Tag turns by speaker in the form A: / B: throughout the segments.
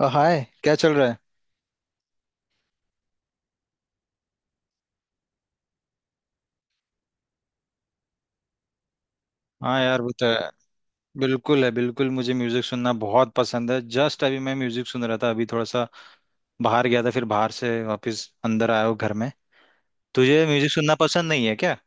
A: हाय क्या चल रहा है। हाँ यार वो तो है। बिल्कुल है। बिल्कुल मुझे म्यूजिक सुनना बहुत पसंद है। जस्ट अभी मैं म्यूजिक सुन रहा था। अभी थोड़ा सा बाहर गया था, फिर बाहर से वापस अंदर आया हूँ घर में। तुझे म्यूजिक सुनना पसंद नहीं है क्या?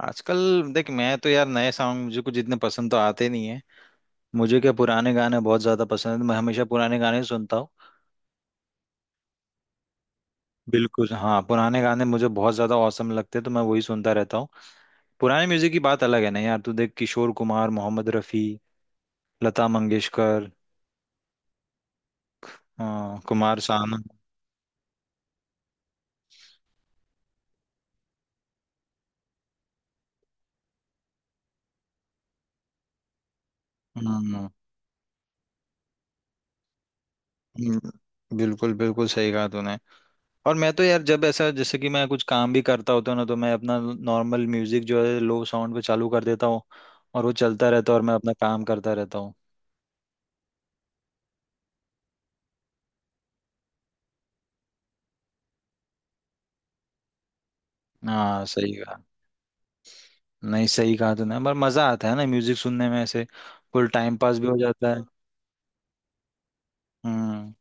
A: आजकल, देख मैं तो यार नए सॉन्ग मुझे कुछ इतने पसंद तो आते नहीं है। मुझे क्या पुराने गाने बहुत ज्यादा पसंद है। मैं हमेशा पुराने गाने ही सुनता हूँ। बिल्कुल, हाँ पुराने गाने मुझे बहुत ज्यादा औसम लगते हैं, तो मैं वही सुनता रहता हूँ। पुराने म्यूजिक की बात अलग है ना यार। तू देख किशोर कुमार, मोहम्मद रफी, लता मंगेशकर। हाँ, कुमार सानू। हम्म। हम्म, बिल्कुल बिल्कुल सही कहा तूने। और मैं तो यार जब ऐसा, जैसे कि मैं कुछ काम भी करता होता हूँ ना, तो मैं अपना नॉर्मल म्यूजिक जो है लो साउंड पे चालू कर देता हूँ, और वो चलता रहता है और मैं अपना काम करता रहता हूँ। हाँ सही कहा। नहीं सही कहा तूने। पर मजा आता है ना म्यूजिक सुनने में ऐसे। फुल टाइम पास भी हो जाता है। हम्म।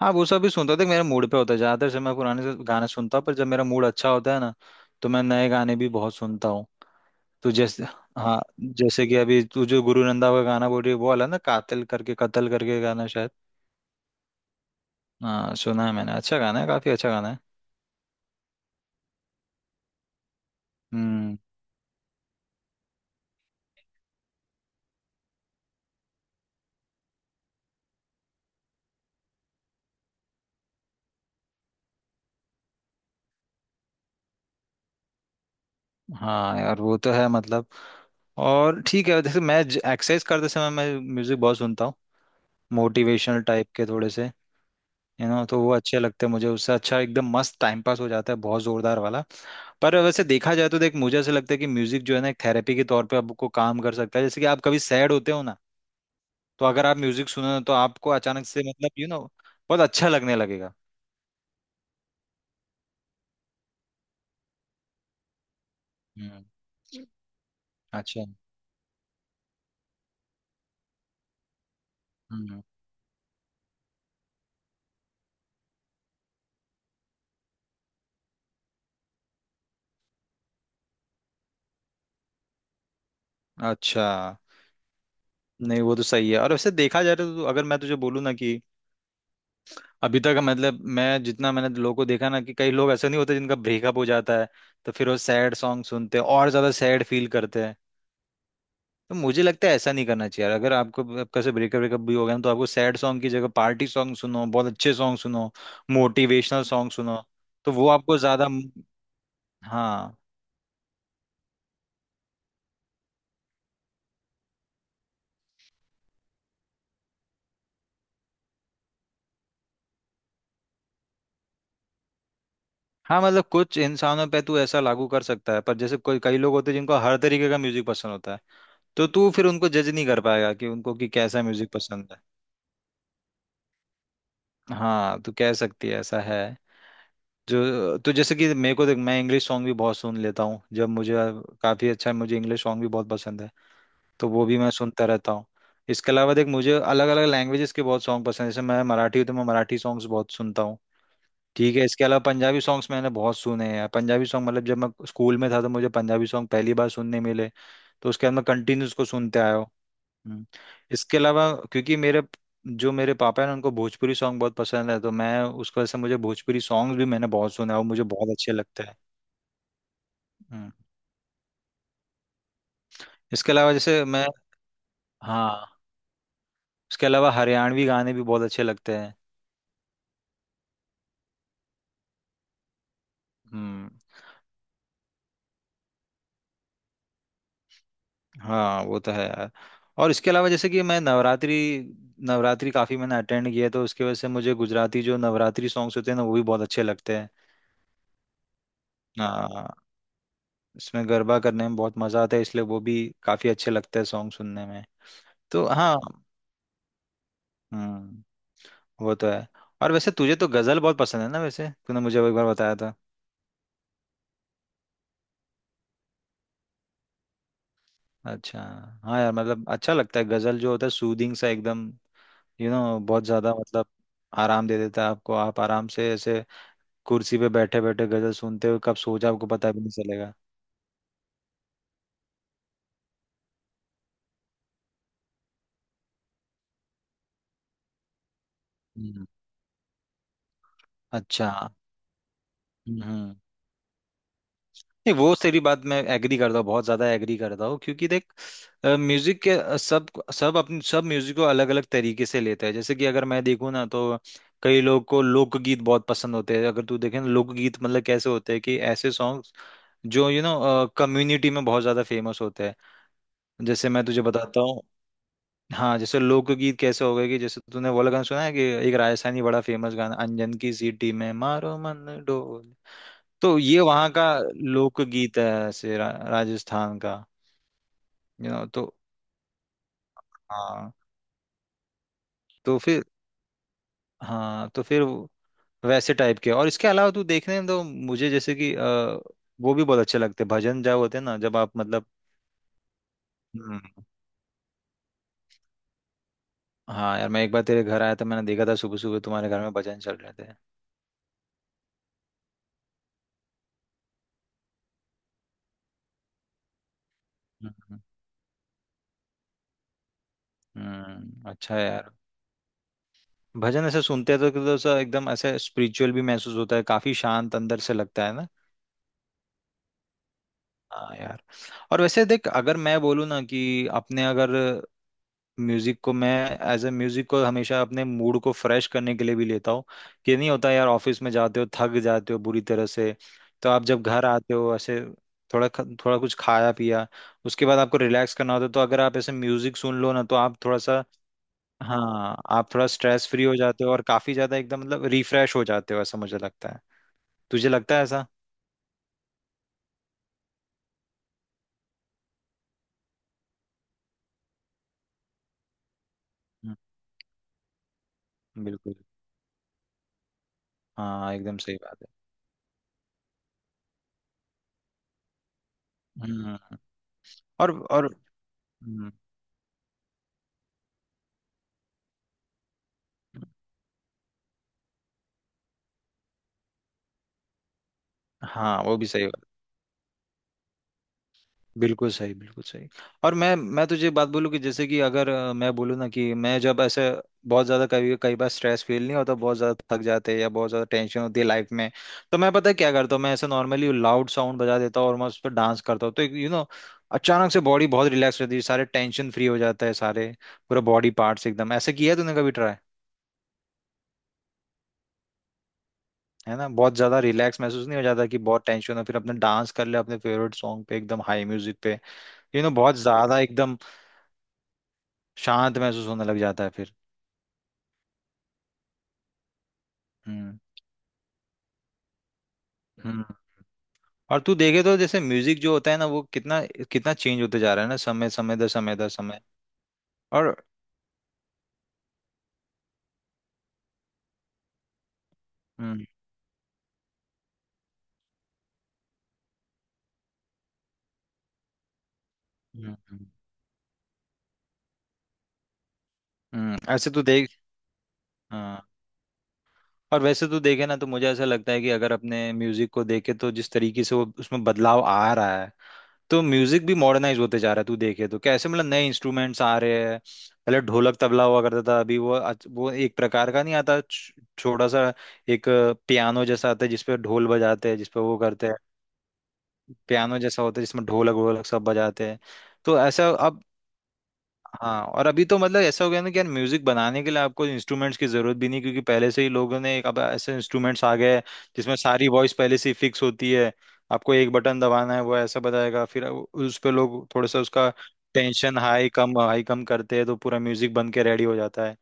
A: हाँ वो सब भी सुनता हूँ। देख मेरा मूड पे होता है। ज्यादातर से मैं पुराने से गाने सुनता हूँ, पर जब मेरा मूड अच्छा होता है ना, तो मैं नए गाने भी बहुत सुनता हूँ। तो जैसे, हाँ जैसे कि अभी तू जो गुरु रंधावा का गाना बोल रही है, वो वाला ना कातिल करके कत्ल करके गाना शायद। हाँ, सुना है मैंने। अच्छा गाना है, काफी अच्छा गाना है। हम्म। हाँ यार वो तो है। मतलब, और ठीक है जैसे मैं एक्सरसाइज करते समय मैं म्यूजिक बहुत सुनता हूँ। मोटिवेशनल टाइप के थोड़े से, यू नो, तो वो अच्छे लगते हैं मुझे। उससे अच्छा एकदम मस्त टाइम पास हो जाता है, बहुत जोरदार वाला। पर वैसे देखा जाए तो देख मुझे ऐसा लगता है कि म्यूजिक जो है ना एक थेरेपी के तौर पे आपको काम कर सकता है। जैसे कि आप कभी सैड होते हो ना, तो अगर आप म्यूजिक सुनो तो आपको अचानक से, मतलब यू नो, बहुत अच्छा लगने लगेगा। हम्म। अच्छा। हम्म। अच्छा। नहीं वो तो सही है। और वैसे देखा जाए तो अगर मैं तुझे बोलूँ ना कि अभी तक, मतलब मैं जितना मैंने लोगों को देखा ना कि कई लोग ऐसे नहीं होते जिनका ब्रेकअप हो जाता है, तो फिर वो सैड सॉन्ग सुनते हैं और ज्यादा सैड फील करते हैं। तो मुझे लगता है ऐसा नहीं करना चाहिए यार। अगर आपको आपका से ब्रेकअप ब्रेकअप भी हो गया ना, तो आपको सैड सॉन्ग की जगह पार्टी सॉन्ग सुनो, बहुत अच्छे सॉन्ग सुनो, मोटिवेशनल सॉन्ग सुनो। तो वो आपको ज्यादा। हाँ। हाँ मतलब कुछ इंसानों पे तू ऐसा लागू कर सकता है, पर जैसे कोई कई लोग होते हैं जिनको हर तरीके का म्यूजिक पसंद होता है, तो तू फिर उनको जज नहीं कर पाएगा कि उनको कि कैसा म्यूजिक पसंद है। हाँ तू कह सकती है ऐसा है। जो तो जैसे कि मेरे को देख मैं इंग्लिश सॉन्ग भी बहुत सुन लेता हूँ। जब मुझे काफी अच्छा, मुझे इंग्लिश सॉन्ग भी बहुत पसंद है, तो वो भी मैं सुनता रहता हूँ। इसके अलावा देख मुझे अलग अलग लैंग्वेजेस के बहुत सॉन्ग पसंद है। जैसे मैं मराठी हूँ, तो मैं मराठी सॉन्ग्स बहुत सुनता हूँ। ठीक है, इसके अलावा पंजाबी सॉन्ग्स मैंने बहुत सुने हैं। पंजाबी सॉन्ग, मतलब जब मैं स्कूल में था तो मुझे पंजाबी सॉन्ग पहली बार सुनने मिले, तो उसके बाद मैं कंटिन्यू उसको सुनते आया हूँ। हम्म। इसके अलावा क्योंकि मेरे, जो मेरे पापा हैं ना उनको भोजपुरी सॉन्ग बहुत पसंद है, तो मैं उसकी वजह से, मुझे भोजपुरी सॉन्ग भी मैंने बहुत सुना है, और मुझे बहुत अच्छे लगते हैं। हम्म। इसके अलावा जैसे मैं, हाँ इसके अलावा हरियाणवी गाने भी बहुत अच्छे लगते हैं। हम्म। हाँ वो तो है यार। और इसके अलावा जैसे कि मैं नवरात्रि, नवरात्रि काफी मैंने अटेंड किया है, तो उसकी वजह से मुझे गुजराती जो नवरात्रि सॉन्ग्स होते हैं ना, वो भी बहुत अच्छे लगते हैं। हाँ, इसमें गरबा करने में बहुत मजा आता है, इसलिए वो भी काफी अच्छे लगते हैं सॉन्ग सुनने में। तो हाँ। हम्म। वो तो है। और वैसे तुझे तो गजल बहुत पसंद है ना, वैसे तूने मुझे वो एक बार बताया था। अच्छा, हाँ यार मतलब अच्छा लगता है। गजल जो होता है सूदिंग सा एकदम। यू you नो know, बहुत ज्यादा मतलब आराम दे देता है आपको। आप आराम से ऐसे कुर्सी पे बैठे बैठे गजल सुनते हुए कब सो जाओ आपको पता भी नहीं चलेगा। हम्म। अच्छा। हम्म। नहीं वो तेरी बात मैं एग्री करता हूँ, बहुत ज्यादा एग्री करता हूँ। क्योंकि देख म्यूजिक के सब, सब अपने सब म्यूजिक को अलग अलग तरीके से लेते हैं। जैसे कि अगर मैं देखूँ ना, तो कई लोग को लोकगीत बहुत पसंद होते हैं। अगर तू देखे ना, लोकगीत मतलब कैसे होते हैं कि ऐसे सॉन्ग्स जो यू नो कम्युनिटी में बहुत ज्यादा फेमस होते हैं। जैसे मैं तुझे बताता हूँ। हाँ, जैसे लोकगीत कैसे हो गए कि जैसे तूने वो वाला गाना सुना है कि एक राजस्थानी बड़ा फेमस गाना, अंजन की सीटी में मारो मन डोल। तो ये वहाँ का लोकगीत है ऐसे, राजस्थान का, यू नो। तो हाँ तो फिर, हाँ तो फिर वैसे टाइप के। और इसके अलावा तू देखने में तो मुझे जैसे कि वो भी बहुत अच्छे लगते हैं भजन। जब होते हैं ना, जब आप मतलब। हम्म, हाँ यार मैं एक बार तेरे घर आया था, मैंने देखा था सुबह सुबह तुम्हारे घर में भजन चल रहे थे। हम्म। अच्छा है यार। भजन ऐसे सुनते हैं तो ऐसा एकदम ऐसे स्पिरिचुअल भी महसूस होता है, काफी शांत अंदर से लगता है ना। हाँ यार। और वैसे देख अगर मैं बोलूँ ना कि अपने अगर म्यूजिक को मैं एज ए म्यूजिक को हमेशा अपने मूड को फ्रेश करने के लिए भी लेता हूँ। कि नहीं होता यार, ऑफिस में जाते हो, थक जाते हो बुरी तरह से, तो आप जब घर आते हो ऐसे, थोड़ा थोड़ा कुछ खाया पिया, उसके बाद आपको रिलैक्स करना होता है। तो अगर आप ऐसे म्यूजिक सुन लो ना, तो आप थोड़ा सा, हाँ आप थोड़ा स्ट्रेस फ्री हो जाते हो और काफी ज्यादा एकदम मतलब रिफ्रेश हो जाते हो, ऐसा मुझे लगता है। तुझे लगता है ऐसा? हम्म, बिल्कुल। हाँ एकदम सही बात है। हम्म। और, हम्म, हाँ वो भी सही। बिल्कुल सही, बिल्कुल सही। और मैं तुझे बात बोलूँ कि जैसे कि अगर मैं बोलूँ ना कि मैं जब ऐसे बहुत ज़्यादा कभी कई बार स्ट्रेस फील नहीं होता, बहुत ज़्यादा थक जाते हैं या बहुत ज़्यादा टेंशन होती है लाइफ में, तो मैं पता है क्या करता हूँ, मैं ऐसे नॉर्मली लाउड साउंड बजा देता हूँ और मैं उस पर डांस करता हूँ। तो यू नो, अचानक से बॉडी बहुत रिलैक्स रहती है, सारे टेंशन फ्री हो जाता है, सारे पूरा बॉडी पार्ट्स एकदम ऐसे। किया है तूने कभी ट्राई? है ना बहुत ज़्यादा रिलैक्स महसूस नहीं हो जाता, कि बहुत टेंशन हो फिर अपने डांस कर ले अपने फेवरेट सॉन्ग पे एकदम हाई म्यूजिक पे, यू नो। बहुत ज़्यादा एकदम शांत महसूस होने लग जाता है फिर। हम्म। हम्म। और तू देखे तो जैसे म्यूजिक जो होता है ना, वो कितना कितना चेंज होते जा रहा है ना, समय समय दर समय दर समय। और, हम्म। हम्म। हम्म। ऐसे तू देख। हाँ। और वैसे तू देखे ना, तो मुझे ऐसा लगता है कि अगर अपने म्यूजिक को देखे, तो जिस तरीके से वो उसमें बदलाव आ रहा है, तो म्यूजिक भी मॉडर्नाइज होते जा रहा है। तू देखे तो कैसे मतलब नए इंस्ट्रूमेंट्स आ रहे हैं। पहले ढोलक तबला हुआ करता था, अभी वो वो एक प्रकार का नहीं आता, छोटा सा एक पियानो जैसा आता है जिसपे ढोल बजाते हैं, जिसपे वो करते हैं। पियानो जैसा होता है जिसमें ढोलक वोलक सब बजाते हैं। तो ऐसा अब, हाँ। और अभी तो मतलब ऐसा हो गया ना कि यार म्यूजिक बनाने के लिए आपको इंस्ट्रूमेंट्स की जरूरत भी नहीं, क्योंकि पहले से ही लोगों ने एक, अब ऐसे इंस्ट्रूमेंट्स आ गए हैं जिसमें सारी वॉइस पहले से ही फिक्स होती है। आपको एक बटन दबाना है, वो ऐसा बताएगा, फिर उस पे लोग थोड़ा सा उसका टेंशन हाई कम करते हैं, तो पूरा म्यूजिक बन के रेडी हो जाता है।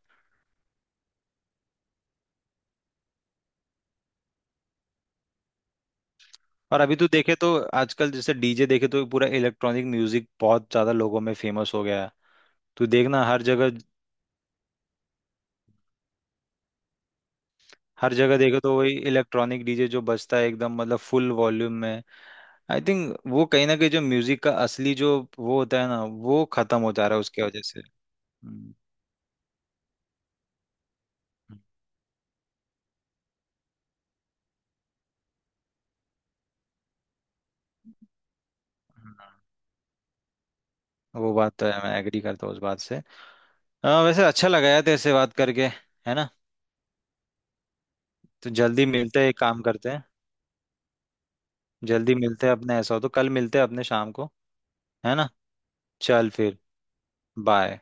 A: और अभी तो देखे तो आजकल जैसे डीजे देखे तो पूरा इलेक्ट्रॉनिक म्यूजिक बहुत ज्यादा लोगों में फेमस हो गया है। तो देखना हर जगह, हर जगह देखे तो वही इलेक्ट्रॉनिक डीजे जो बजता है एकदम मतलब फुल वॉल्यूम में। आई थिंक वो कहीं ना कहीं जो म्यूजिक का असली जो वो होता है ना, वो खत्म हो जा रहा है उसकी वजह से। हम्म, हम्म, वो बात तो है, मैं एग्री करता हूँ उस बात से। हाँ वैसे अच्छा लगा यार तेरे से बात करके, है ना। तो जल्दी मिलते हैं, एक काम करते हैं, जल्दी मिलते हैं अपने। ऐसा हो तो कल मिलते हैं अपने शाम को, है ना। चल फिर, बाय।